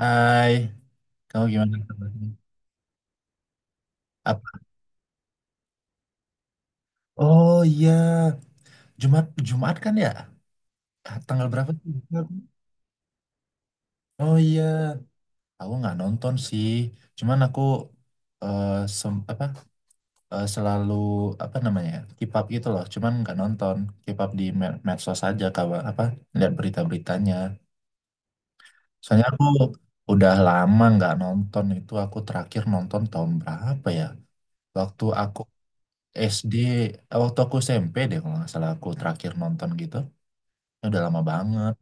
Hai, kamu gimana kabarnya? Apa? Oh iya, Jumat Jumat kan ya? Ah, tanggal berapa sih? Oh iya, aku nggak nonton sih. Cuman aku, eh, sem- apa selalu apa namanya ya, keep up gitu loh. Cuman nggak nonton, keep up di medsos aja, kabar apa, lihat berita-beritanya. Soalnya aku udah lama nggak nonton itu. Aku terakhir nonton tahun berapa ya? Waktu aku SD, eh, waktu aku SMP deh, kalau nggak salah aku terakhir nonton gitu, udah lama banget.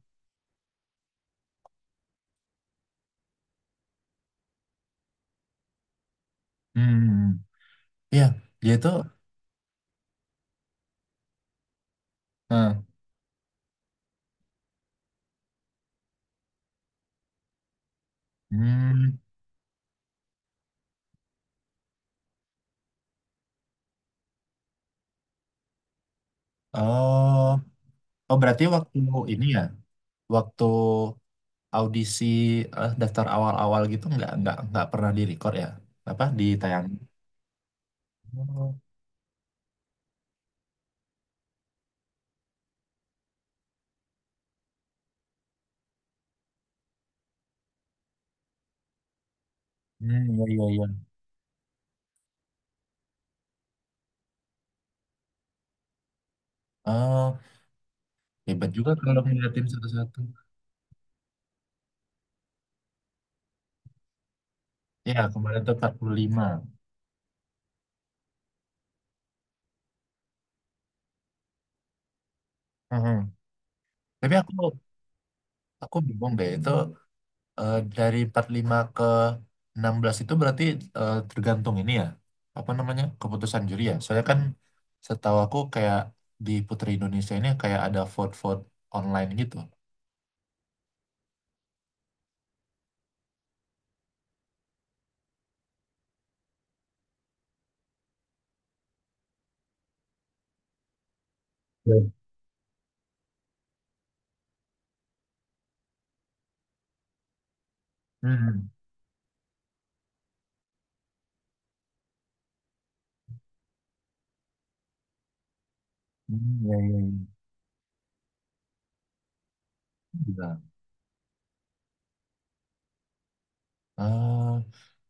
Hmm, iya, dia tuh, eh, hmm. Oh, oh, berarti waktu ini ya, waktu audisi, daftar awal-awal gitu nggak pernah direcord ya, apa ditayang. Oh, hmm, iya, iya, iya. Oh, hebat juga kalau ngeliatin satu-satu. Ya kemarin tuh 45. Hmm, hmm. Tapi aku bingung deh itu. Dari 45 ke 16 itu berarti, tergantung ini ya. Apa namanya? Keputusan juri ya. Soalnya kan setahu aku kayak di Putri Indonesia ini kayak ada vote-vote online gitu. Hmm. Hmm. Hmm, ya, ya, ya. Gila. Ah,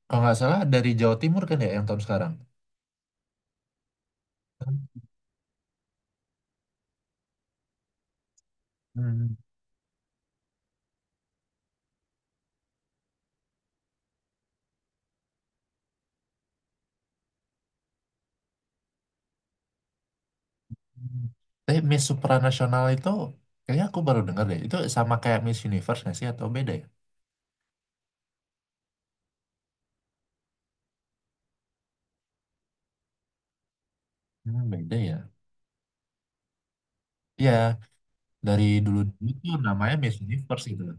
kalau nggak salah dari Jawa Timur kan ya yang tahun sekarang. Hmm. Tapi Miss Supranasional itu kayaknya aku baru dengar deh. Itu sama kayak Miss Universe nggak sih, atau beda ya? Hmm, beda ya. Ya. Dari dulu dulu tuh namanya Miss Universe gitu loh.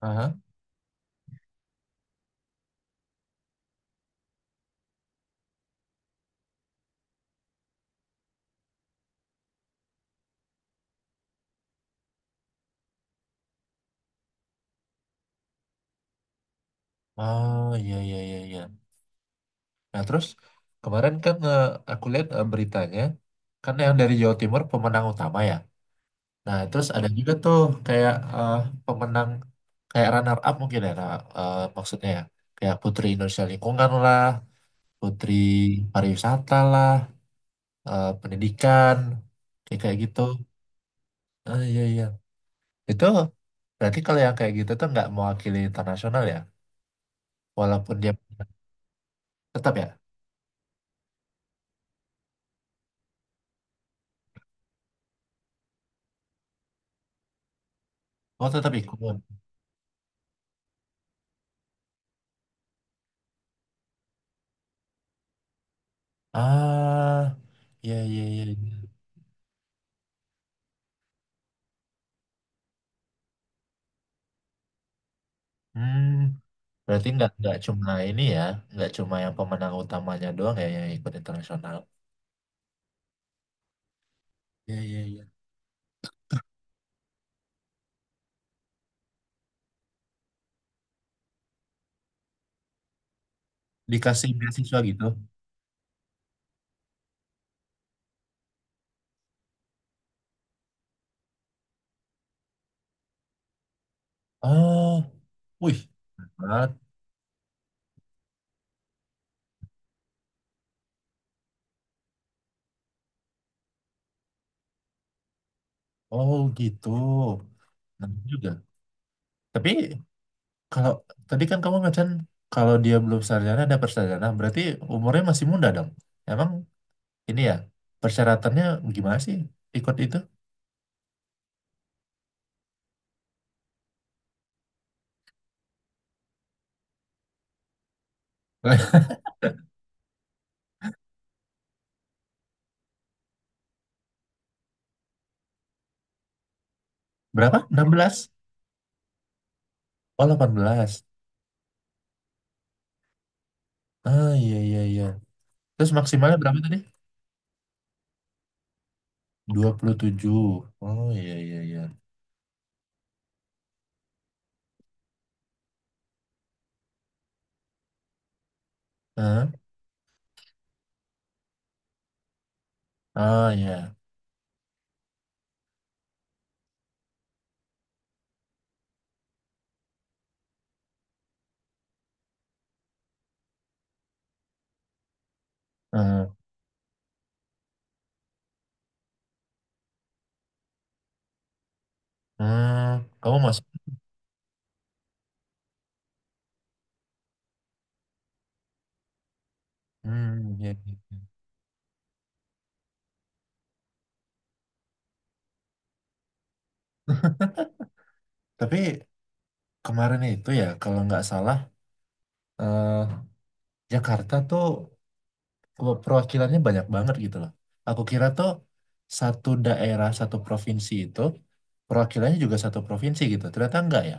Aha. Oh iya, iya, iya, iya. Nah terus kemarin kan, aku lihat beritanya, kan yang dari Jawa Timur pemenang utama ya. Nah terus ada juga tuh kayak, pemenang, kayak runner up mungkin ya. Nah, maksudnya ya kayak Putri Indonesia Lingkungan lah, Putri Pariwisata lah, pendidikan, kayak kayak gitu. Ah, iya, iya. Itu berarti kalau yang kayak gitu tuh nggak mewakili internasional ya, walaupun dia... Tetap ya? Oh, tetap ikut. Ah, iya, iya, iya, iya. Hmm, berarti nggak cuma ini ya, nggak cuma yang pemenang utamanya doang ya yang ikut internasional. Iya, iya, iya. Dikasih beasiswa gitu. Oh, wih, hebat. Oh gitu. Nah, juga. Tapi kalau tadi kan kamu macam, kalau dia belum sarjana ada persarjana, berarti umurnya masih muda dong. Emang ini ya persyaratannya gimana sih ikut itu? Berapa? 16. Oh, 18. Ah, iya, iya, iya. Terus maksimalnya berapa tadi? 27. Oh, iya, iya, iya. Ah, ah, iya. Ah, hmm, kamu masuk. Hmm, iya, iya, iya. Tapi kemarin itu ya, kalau nggak salah, eh, Jakarta tuh perwakilannya banyak banget gitu loh. Aku kira tuh satu daerah, satu provinsi itu perwakilannya juga satu provinsi gitu. Ternyata enggak ya.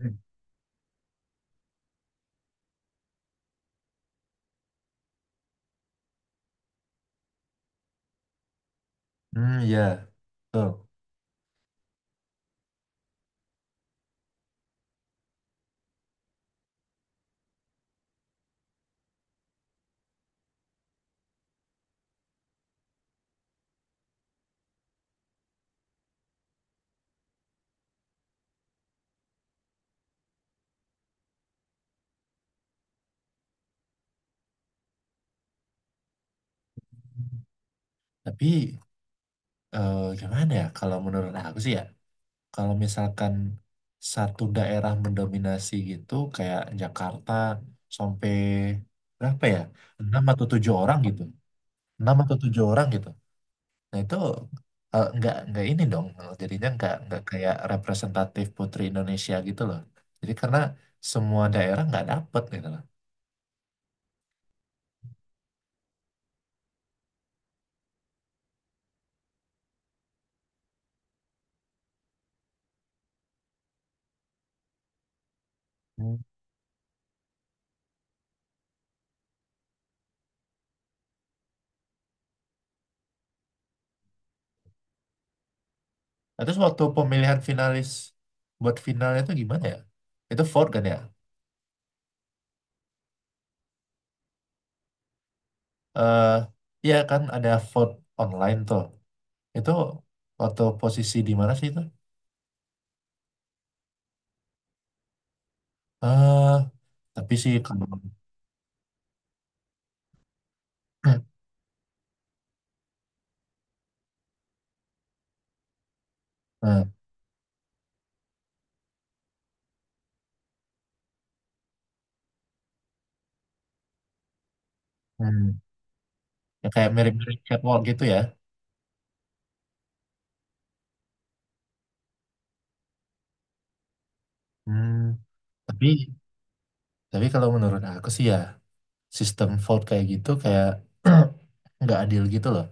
Hmm. Hmm, iya. Betul. Tapi gimana ya, kalau menurut aku sih ya, kalau misalkan satu daerah mendominasi gitu kayak Jakarta sampai berapa ya, enam atau tujuh orang gitu, enam atau tujuh orang gitu nah itu, nggak ini dong, jadinya nggak kayak representatif Putri Indonesia gitu loh, jadi karena semua daerah nggak dapet gitu loh. Hmm. Nah, terus waktu pemilihan finalis buat finalnya itu gimana ya, itu vote kan ya. eh iya, kan ada vote online tuh. Itu waktu posisi di mana sih itu? eh tapi sih kalau... eh, hmm, ya kayak mirip-mirip catwalk gitu ya. Hmm, tapi tapi kalau menurut aku sih ya, sistem vote kayak gitu, kayak nggak adil gitu loh.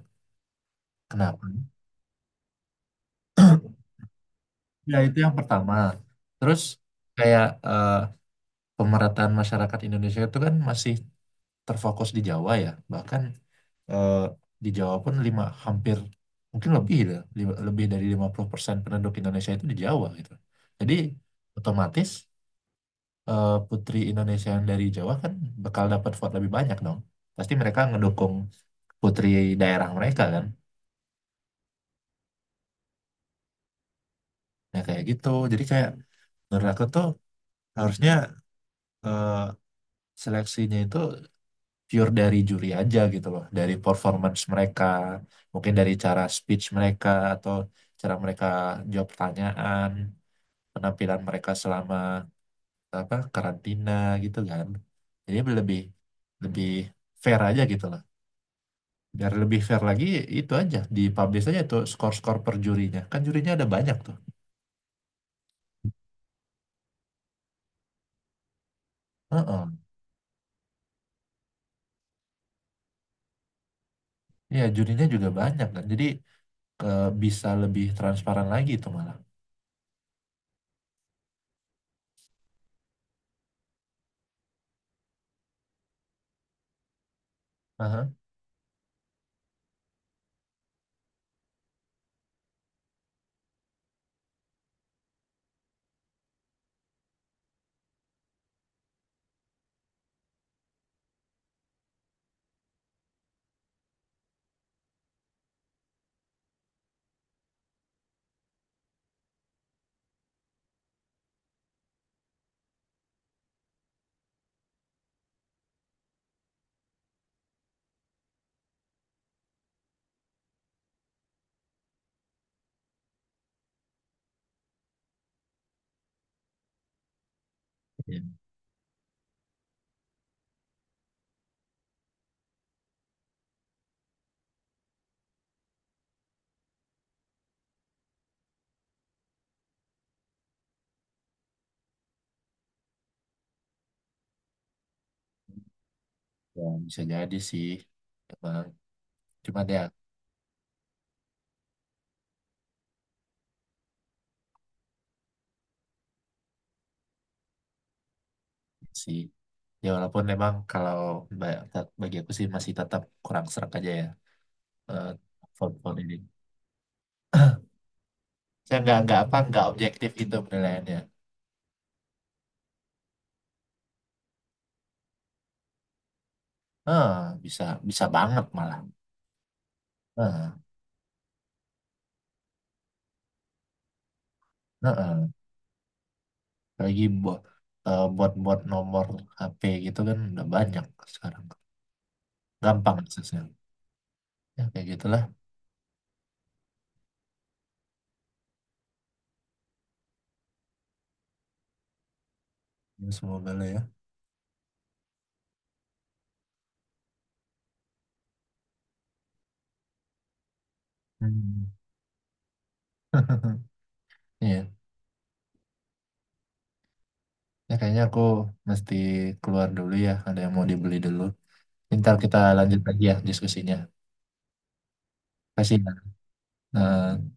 Kenapa? Ya itu yang pertama. Terus kayak, pemerataan masyarakat Indonesia itu kan masih terfokus di Jawa ya. Bahkan eh, di Jawa pun lima, hampir mungkin lebih lah, lebih dari 50% penduduk Indonesia itu di Jawa gitu. Jadi otomatis, putri Indonesia yang dari Jawa kan bakal dapat vote lebih banyak dong. Pasti mereka ngedukung putri daerah mereka kan. Nah kayak gitu. Jadi kayak menurut aku tuh, harusnya, eh, seleksinya itu pure dari juri aja gitu loh, dari performance mereka, mungkin dari cara speech mereka, atau cara mereka jawab pertanyaan, penampilan mereka selama apa karantina gitu kan, jadi lebih lebih fair aja gitu lah, biar lebih fair lagi. Itu aja dipublish aja tuh skor-skor per jurinya, kan jurinya ada banyak tuh. Heeh. Iya jurinya juga banyak kan, jadi ke, bisa lebih transparan lagi itu malah. Aha. Iya. Ya, bisa jadi sih emang, cuma ya sih ya, walaupun memang kalau ba- bagi aku sih masih tetap kurang serak aja ya, eh, font-font ini, saya nggak apa, nggak objektif itu penilaiannya. Ah, bisa, bisa banget malah. Ah, ah, ah. Lagi buat, buat nomor HP gitu kan udah banyak sekarang, gampang aksesnya. Ya kayak gitulah. Ya, semoga lah ya. Hmm. Iya. Ya kayaknya aku mesti keluar dulu ya, ada yang mau dibeli dulu, ntar kita lanjut lagi ya diskusinya. Kasih ya. Eh,